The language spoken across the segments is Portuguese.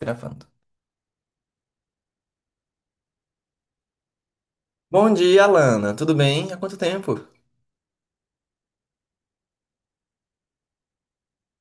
Gravando. Bom dia, Alana. Tudo bem? Há quanto tempo?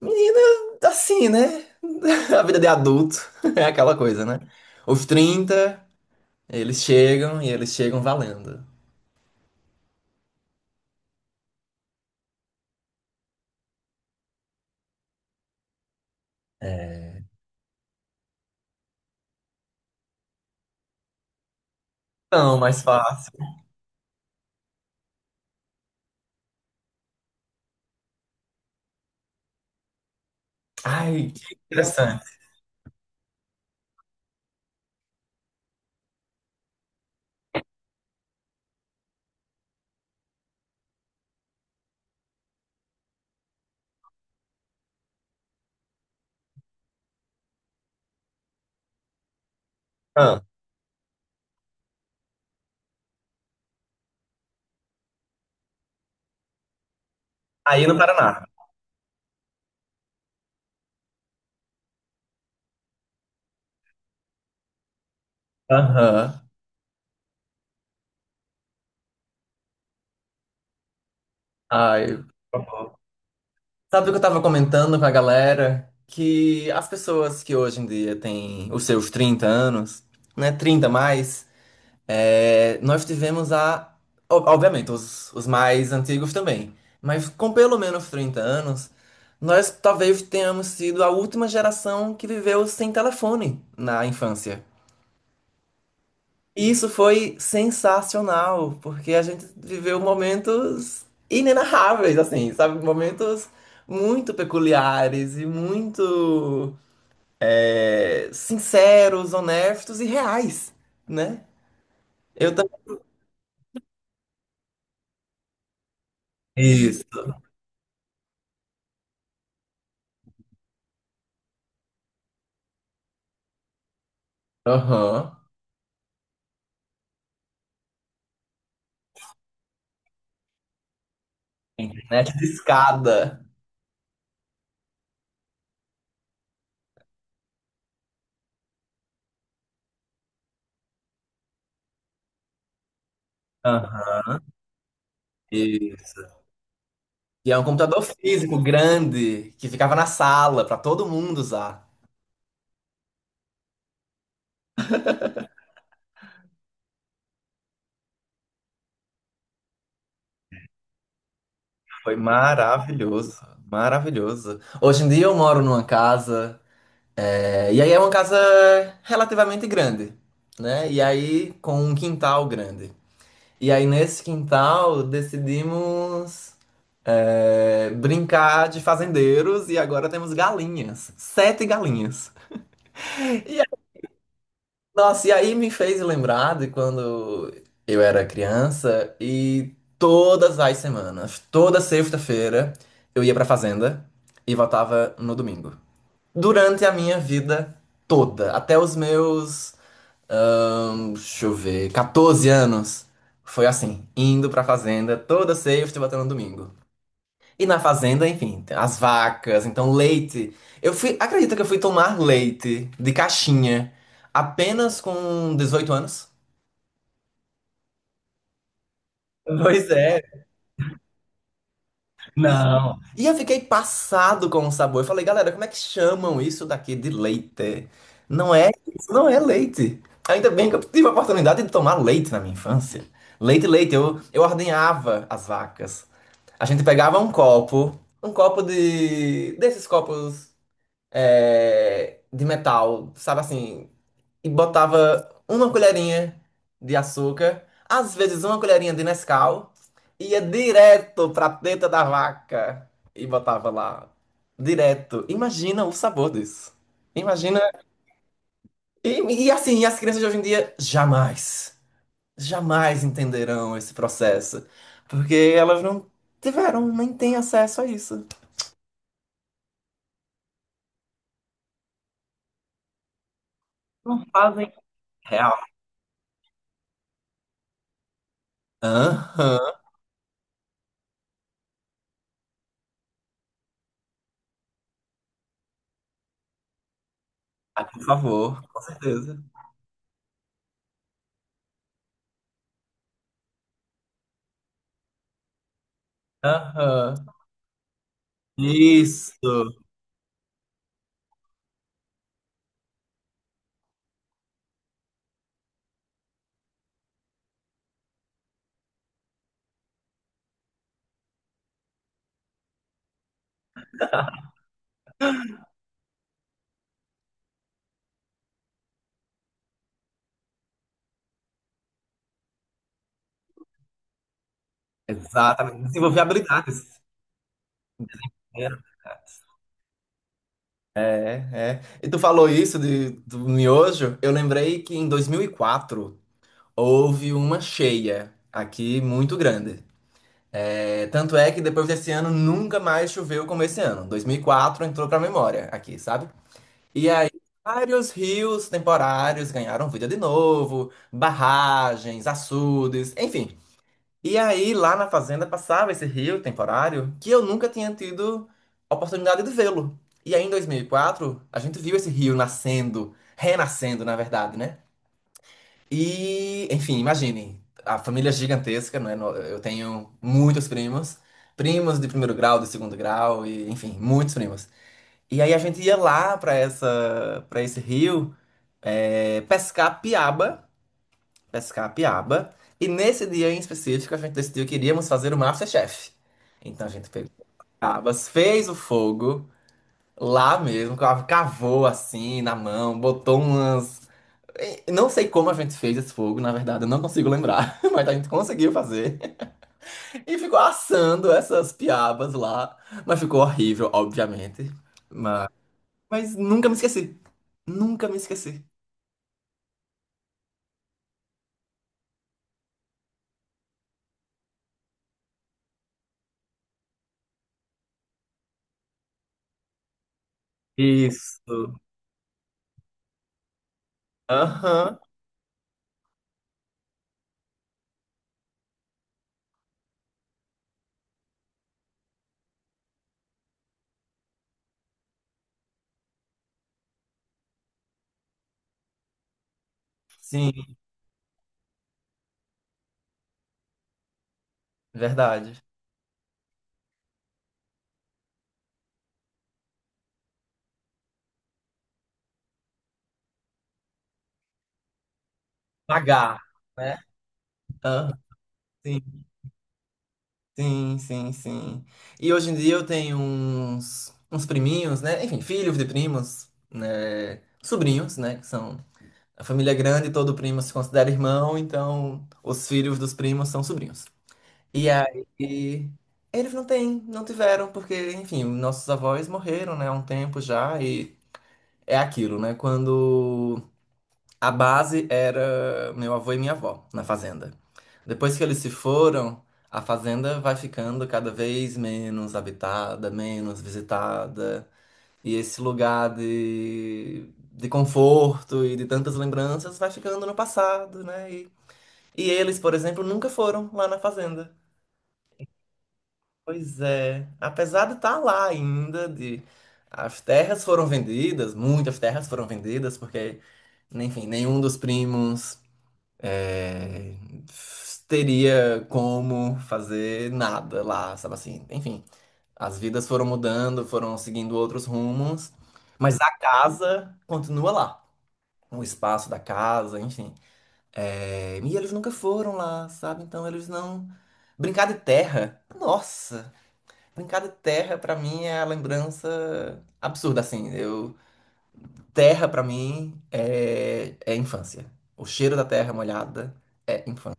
Menina, assim, né? A vida de adulto é aquela coisa, né? Os 30 eles chegam e eles chegam valendo. É. Não, mais fácil. Ai, que interessante. Ah, aí no Paraná. Aham. Ai. Sabe o que eu tava comentando com a galera? Que as pessoas que hoje em dia têm os seus 30 anos, né? 30 mais. É, nós tivemos obviamente, os mais antigos também. Mas com pelo menos 30 anos, nós talvez tenhamos sido a última geração que viveu sem telefone na infância. E isso foi sensacional, porque a gente viveu momentos inenarráveis, assim, sabe? Momentos muito peculiares e muito sinceros, honestos e reais, né? Eu também. Isso. Aham. Internet de escada. Aham. Isso. E é um computador físico grande que ficava na sala para todo mundo usar. Foi maravilhoso, maravilhoso. Hoje em dia eu moro numa casa, e aí é uma casa relativamente grande, né? E aí com um quintal grande. E aí nesse quintal decidimos brincar de fazendeiros e agora temos galinhas, sete galinhas. E nossa, e aí me fez lembrar de quando eu era criança e todas as semanas, toda sexta-feira, eu ia pra fazenda e voltava no domingo. Durante a minha vida toda, até os meus, ahn, deixa eu ver, 14 anos, foi assim, indo pra fazenda toda sexta e voltando no domingo. E na fazenda, enfim, tem as vacas, então leite. Eu fui, acredita que eu fui tomar leite de caixinha apenas com 18 anos? Pois é, não. E eu fiquei passado com o sabor. Eu falei, galera, como é que chamam isso daqui de leite? Não é, isso não é leite. Ainda bem que eu tive a oportunidade de tomar leite na minha infância. Leite, leite, eu ordenhava as vacas. A gente pegava um copo desses copos de metal, sabe assim, e botava uma colherinha de açúcar, às vezes uma colherinha de Nescau, e ia direto pra teta da vaca e botava lá. Direto. Imagina o sabor disso. Imagina. E, e assim, as crianças de hoje em dia jamais, jamais entenderão esse processo, porque elas não tiveram, nem têm acesso a isso. Não fazem real. Aham. Ah, por favor, com certeza. Aham. Isso. Exatamente. Desenvolver habilidades. É. É. É. E tu falou isso do miojo, eu lembrei que em 2004 houve uma cheia aqui muito grande. É, tanto é que depois desse ano nunca mais choveu como esse ano. 2004 entrou pra memória aqui, sabe? E aí vários rios temporários ganharam vida de novo, barragens, açudes, enfim. E aí, lá na fazenda, passava esse rio temporário que eu nunca tinha tido a oportunidade de vê-lo. E aí, em 2004, a gente viu esse rio nascendo, renascendo, na verdade, né? E, enfim, imagine, a família é gigantesca, não é? Eu tenho muitos primos, primos de primeiro grau, de segundo grau, e, enfim, muitos primos. E aí, a gente ia lá para essa, para esse rio, eh, pescar piaba pescar a piaba. E nesse dia em específico, a gente decidiu que iríamos fazer o MasterChef. Então a gente pegou piabas, fez o fogo lá mesmo, cavou assim na mão, botou umas. E não sei como a gente fez esse fogo, na verdade, eu não consigo lembrar, mas a gente conseguiu fazer. E ficou assando essas piabas lá. Mas ficou horrível, obviamente. Mas, mas nunca me esqueci. Nunca me esqueci. Isso. Aham. Sim, verdade. Pagar, né? Ah, sim, sim, sim, sim. E hoje em dia eu tenho uns, priminhos, né? Enfim, filhos de primos, né? Sobrinhos, né? Que são. A família é grande, todo primo se considera irmão, então os filhos dos primos são sobrinhos. E aí. Eles não têm, não tiveram, porque, enfim, nossos avós morreram, né? Há um tempo já, e é aquilo, né? Quando. A base era meu avô e minha avó na fazenda. Depois que eles se foram, a fazenda vai ficando cada vez menos habitada, menos visitada. E esse lugar de conforto e de tantas lembranças vai ficando no passado, né? E eles, por exemplo, nunca foram lá na fazenda. Pois é, apesar de estar lá ainda, de as terras foram vendidas, muitas terras foram vendidas, porque, enfim, nenhum dos primos é, teria como fazer nada lá, sabe assim? Enfim, as vidas foram mudando, foram seguindo outros rumos, mas a casa continua lá. O espaço da casa, enfim. É, e eles nunca foram lá, sabe? Então eles não. Brincar de terra, nossa! Brincar de terra pra mim é a lembrança absurda, assim. Eu. Terra pra mim é infância. O cheiro da terra molhada é infância.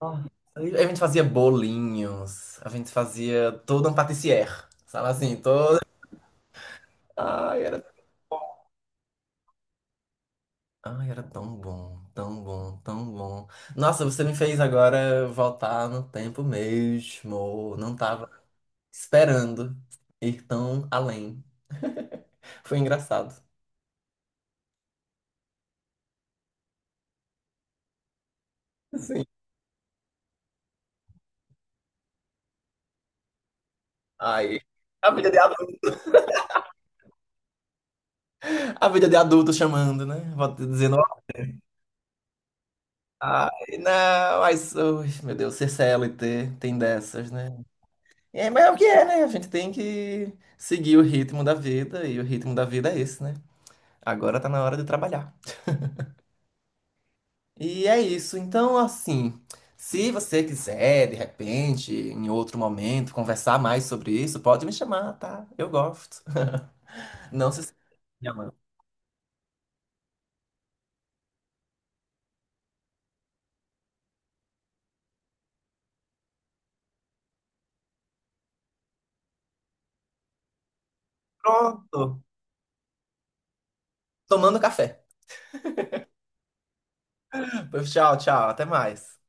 Nossa, a gente fazia bolinhos, a gente fazia todo um patissier, sabe assim, todo. Ai, era, ai, era tão bom, tão bom, tão bom. Nossa, você me fez agora voltar no tempo mesmo. Não tava esperando ir tão além. Foi engraçado. Sim. Ai, a vida de adulto, a vida de adulto chamando, né? Vou te dizendo, ai, não, mas, ui, meu Deus, ser C L T, tem dessas, né? É, mas é o que é, né? A gente tem que seguir o ritmo da vida, e o ritmo da vida é esse, né? Agora tá na hora de trabalhar. E é isso. Então, assim, se você quiser, de repente, em outro momento, conversar mais sobre isso, pode me chamar, tá? Eu gosto. Não se esqueça, minha pronto. Tomando café. Pois tchau, tchau. Até mais.